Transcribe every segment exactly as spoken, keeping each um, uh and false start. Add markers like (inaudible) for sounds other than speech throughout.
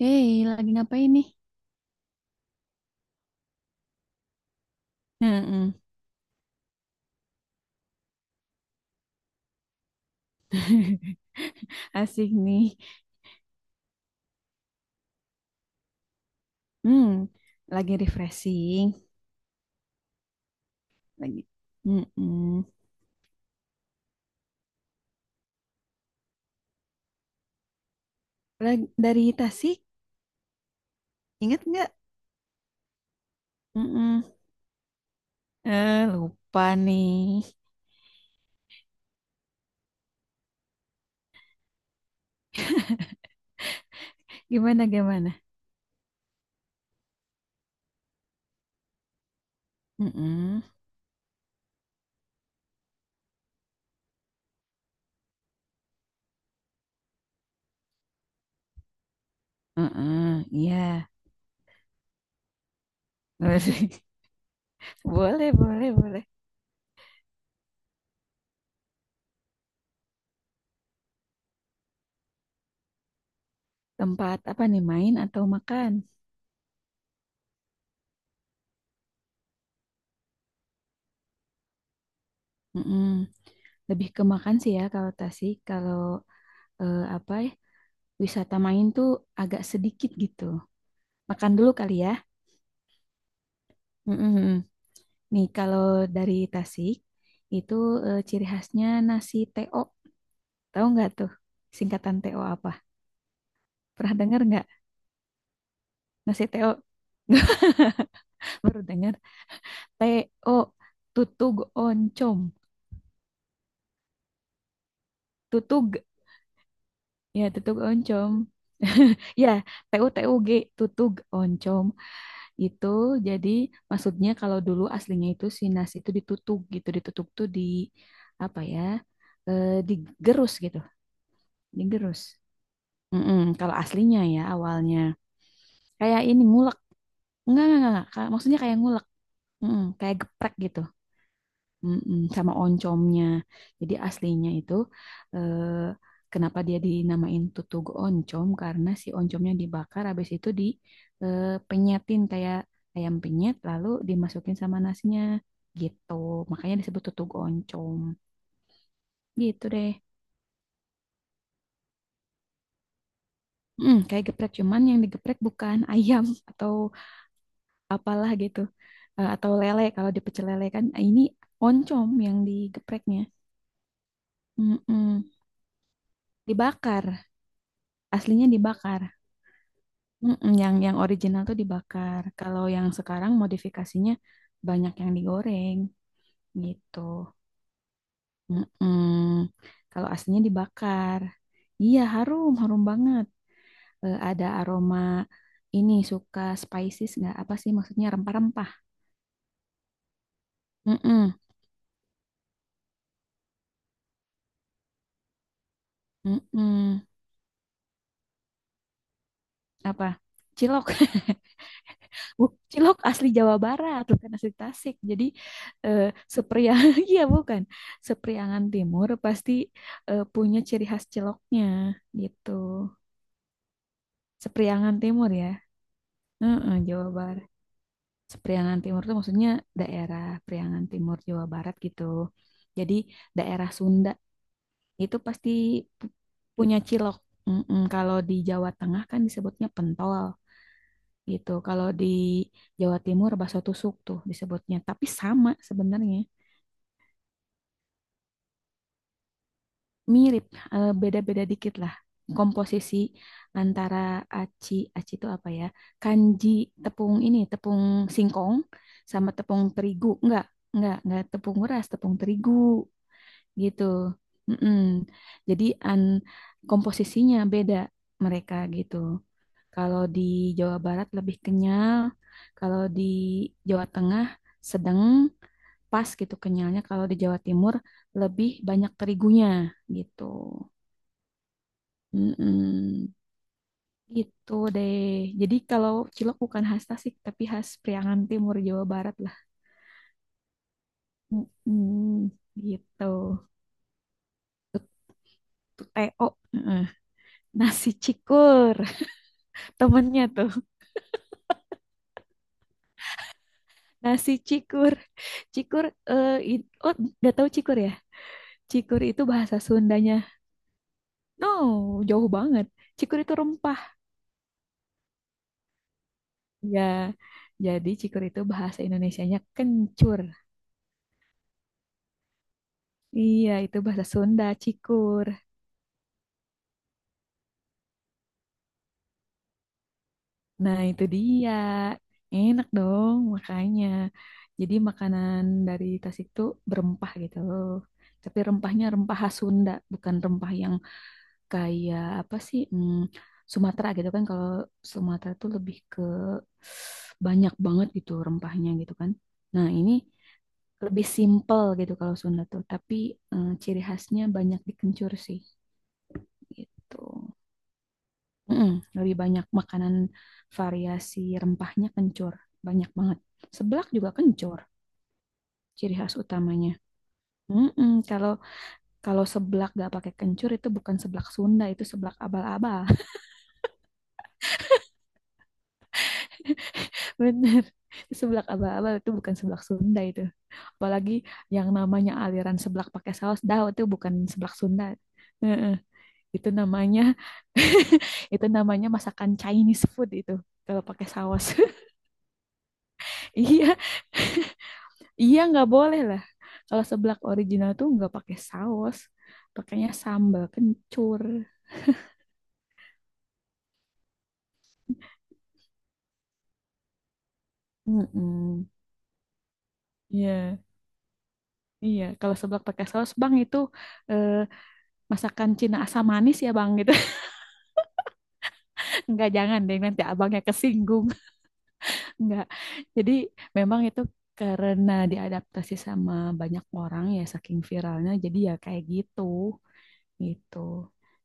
Hey, lagi ngapain nih? Heeh. (laughs) Asik nih. Hmm, lagi refreshing. Lagi. Mm-mm. Lagi dari Tasik, ingat nggak? Mm-mm. Eh, lupa nih. Gimana gimana? Mm-mm. Mm-mm. Iya. (laughs) Boleh, boleh, boleh. Tempat apa nih, main atau makan? Mm-mm. Lebih ke makan sih ya kalau Tasik. Kalau eh, apa ya? Wisata main tuh agak sedikit gitu. Makan dulu kali ya. Mm-mm. Nih kalau dari Tasik itu, eh, ciri khasnya nasi T O. Tahu nggak tuh singkatan T O apa? Pernah dengar nggak nasi T O? (laughs) Baru dengar T O, tutug oncom. Tutug ya tutug oncom. (laughs) Ya, TU TUG, tutug oncom itu, jadi maksudnya kalau dulu aslinya itu si nasi itu ditutug gitu, ditutup tuh di, apa ya? Eh, digerus gitu, digerus. Mm-mm, kalau aslinya ya awalnya kayak ini ngulek, enggak enggak enggak, enggak. Kayak- maksudnya kayak ngulek. Mm-mm, kayak geprek gitu. Mm-mm, sama oncomnya. Jadi aslinya itu, eh, kenapa dia dinamain tutug oncom karena si oncomnya dibakar, habis itu di eh, penyetin kayak ayam penyet, lalu dimasukin sama nasinya gitu. Makanya disebut tutug oncom gitu deh. Mm, kayak geprek cuman yang digeprek bukan ayam atau apalah gitu. Eh, atau lele kalau di pecel lele kan, eh, ini oncom yang digepreknya. Mm-mm. Dibakar, aslinya dibakar. Mm-mm. yang yang original tuh dibakar kalau yang sekarang modifikasinya banyak yang digoreng gitu. Mm-mm. Kalau aslinya dibakar, iya harum harum banget. Eh, ada aroma, ini suka spices nggak? Apa sih, maksudnya rempah-rempah. Mm-mm. Mm-mm. Apa, cilok? (laughs) Bu, cilok asli Jawa Barat, bukan asli Tasik. Jadi eh, Sepriang, (laughs) iya bukan. Sepriangan Timur pasti eh, punya ciri khas ciloknya gitu. Sepriangan Timur ya. Heeh, Jawa Barat. Sepriangan Timur itu maksudnya daerah Priangan Timur Jawa Barat gitu. Jadi daerah Sunda itu pasti pu- punya cilok. Mm-mm, kalau di Jawa Tengah kan disebutnya pentol. Gitu. Kalau di Jawa Timur bakso tusuk tuh disebutnya, tapi sama sebenarnya, mirip, eh, beda-beda dikit lah. Komposisi antara aci, aci itu apa ya? Kanji, tepung ini, tepung singkong sama tepung terigu. Enggak, enggak, enggak tepung beras, tepung terigu. Gitu. Mm-mm. Jadi an komposisinya beda mereka gitu. Kalau di Jawa Barat lebih kenyal, kalau di Jawa Tengah sedang pas gitu kenyalnya, kalau di Jawa Timur lebih banyak terigunya gitu. Mm-mm. Gitu deh. Jadi kalau cilok bukan khas Tasik, tapi khas Priangan Timur Jawa Barat lah. Mm-mm. Gitu. Tuh, T O. Heeh. Nasi cikur. (laughs) Temennya tuh. Nasi cikur. Cikur, eh, i- oh udah tahu cikur ya? Cikur itu bahasa Sundanya. No, jauh banget. Cikur itu rempah. Ya, jadi cikur itu bahasa Indonesianya kencur. Iya, itu bahasa Sunda, cikur. Nah, itu dia. Enak dong, makanya. Jadi makanan dari Tasik itu berempah gitu. Tapi rempahnya rempah khas Sunda, bukan rempah yang kayak apa sih? hmm, Sumatera gitu kan, kalau Sumatera tuh lebih ke banyak banget gitu rempahnya gitu kan. Nah, ini lebih simple gitu kalau Sunda tuh, tapi eh, ciri khasnya banyak dikencur sih gitu. Mm-mm, lebih banyak makanan variasi rempahnya kencur, banyak banget. Seblak juga kencur, ciri khas utamanya. Mm-mm, kalau kalau seblak gak pakai kencur itu bukan seblak Sunda, itu seblak abal-abal. Bener. Seblak abal-abal itu bukan seblak Sunda itu. Apalagi yang namanya aliran seblak pakai saus dah, itu bukan seblak Sunda. Heeh. Itu namanya (laughs) itu namanya masakan Chinese food itu kalau pakai saus. (laughs) Iya, iya nggak boleh lah. Kalau seblak original tuh nggak pakai saus, pakainya sambal kencur. Mm-mm. Iya, iya. Kalau seblak pakai saus, Bang, itu eh, masakan Cina asam manis ya, Bang. Enggak, jangan deh nanti abangnya kesinggung. (laughs) Enggak. Jadi memang itu karena diadaptasi sama banyak orang ya, saking viralnya jadi ya kayak gitu gitu.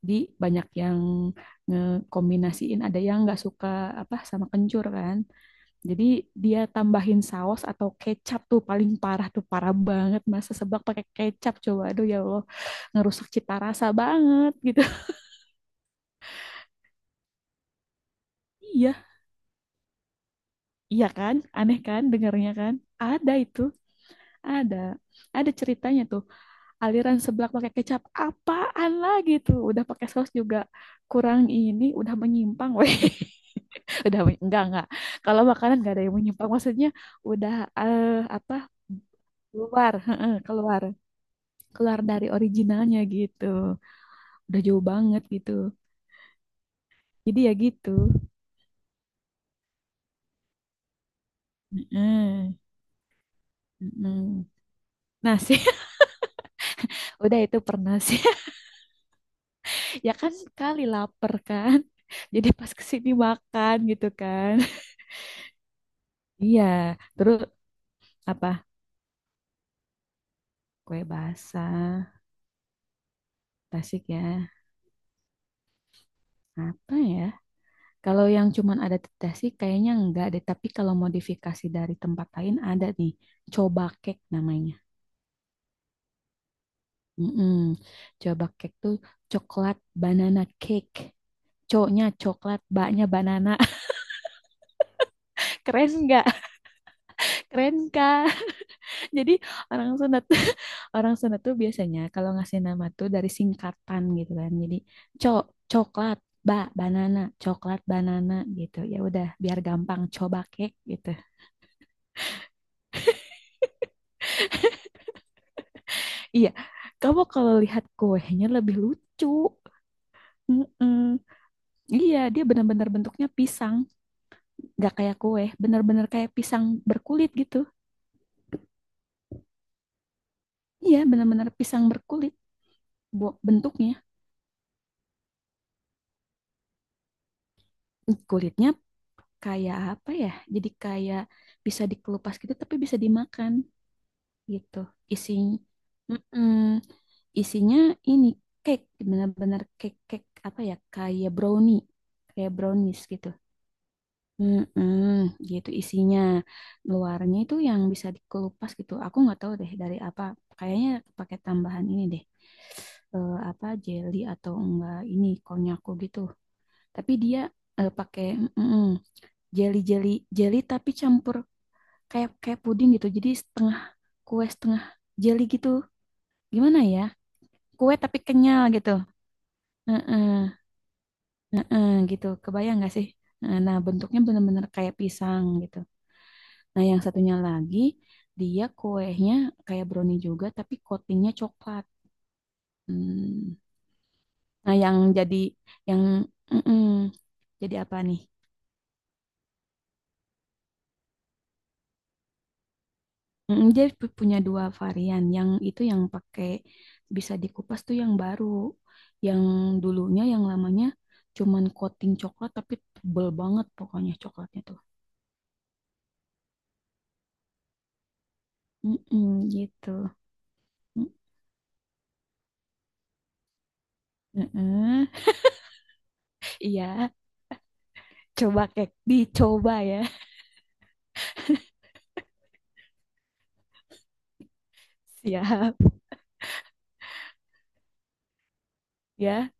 Jadi banyak yang ngekombinasiin, ada yang nggak suka apa sama kencur kan. Jadi dia tambahin saus atau kecap tuh paling parah, tuh parah banget masa sebab pakai kecap, coba aduh ya Allah, ngerusak cita rasa banget gitu. (laughs) Iya, iya kan? Aneh kan dengarnya kan? Ada itu. Ada, ada ceritanya tuh. Aliran seblak pakai kecap, apaan lagi tuh? Udah pakai saus juga kurang ini, udah menyimpang, weh. (laughs) Udah men- enggak enggak. Kalau makanan enggak ada yang menyimpang, maksudnya udah, eh, apa? Keluar, heeh, keluar, keluar dari originalnya gitu. Udah jauh banget gitu. Jadi ya gitu. Heeh, heeh. Nah sih, (laughs) udah itu pernah sih. (laughs) Ya kan sekali lapar kan. Jadi pas kesini makan gitu kan. Iya, terus apa? Kue basah, Tasik ya. Apa ya? Kalau yang cuman ada di Tasik kayaknya enggak deh, tapi kalau modifikasi dari tempat lain ada nih. Coba cake namanya. Mm-mm. Coba cake tuh coklat banana cake. Co-nya coklat, ba-nya banana. (laughs) Keren nggak? Keren kan? Jadi orang sunat (laughs) orang sunat tuh biasanya kalau ngasih nama tuh dari singkatan gitu kan. Jadi cok, coklat, ba banana, coklat banana gitu. Ya udah biar gampang coba kek gitu. Iya, kamu kalau lihat kuenya lebih lucu. Mm-mm. Iya, dia benar-benar bentuknya pisang, nggak kayak kue, benar-benar kayak pisang berkulit gitu. Iya, benar-benar pisang berkulit bu- bentuknya. Kulitnya kayak apa ya? Jadi kayak bisa dikelupas gitu tapi bisa dimakan gitu. Isinya mm isinya ini cake, benar-benar cake, cake apa ya? Kayak brownie. Kayak brownies gitu. Mm-mm, gitu isinya. Luarnya itu yang bisa dikelupas gitu. Aku nggak tahu deh dari apa. Kayaknya pakai tambahan ini deh. Eh, apa jelly atau enggak ini konyako gitu. Tapi dia eh, pakai mm-mm jelly jelly jelly tapi campur kayak kayak puding gitu. Jadi setengah kue setengah jelly gitu. Gimana ya? Kue tapi kenyal gitu. Heeh, heeh, gitu. Kebayang gak sih? Nah, nah, bentuknya benar-benar kayak pisang gitu. Nah, yang satunya lagi dia kuenya kayak brownie juga tapi coatingnya coklat. Hmm. Nah, yang jadi yang mm-mm. Jadi apa nih? Mm, dia pu- punya dua varian. Yang itu yang pakai bisa dikupas tuh yang baru. Yang dulunya yang lamanya cuman coating coklat tapi tebel banget pokoknya coklatnya tuh. Mm-mm, gitu. Mm, mm-mm. Iya, coba kek dicoba ya. (laughs) Siap ya,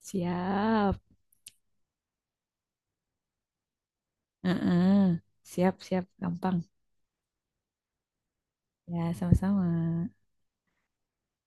siap. Mm-mm. Siap, siap, gampang. Ya, sama-sama.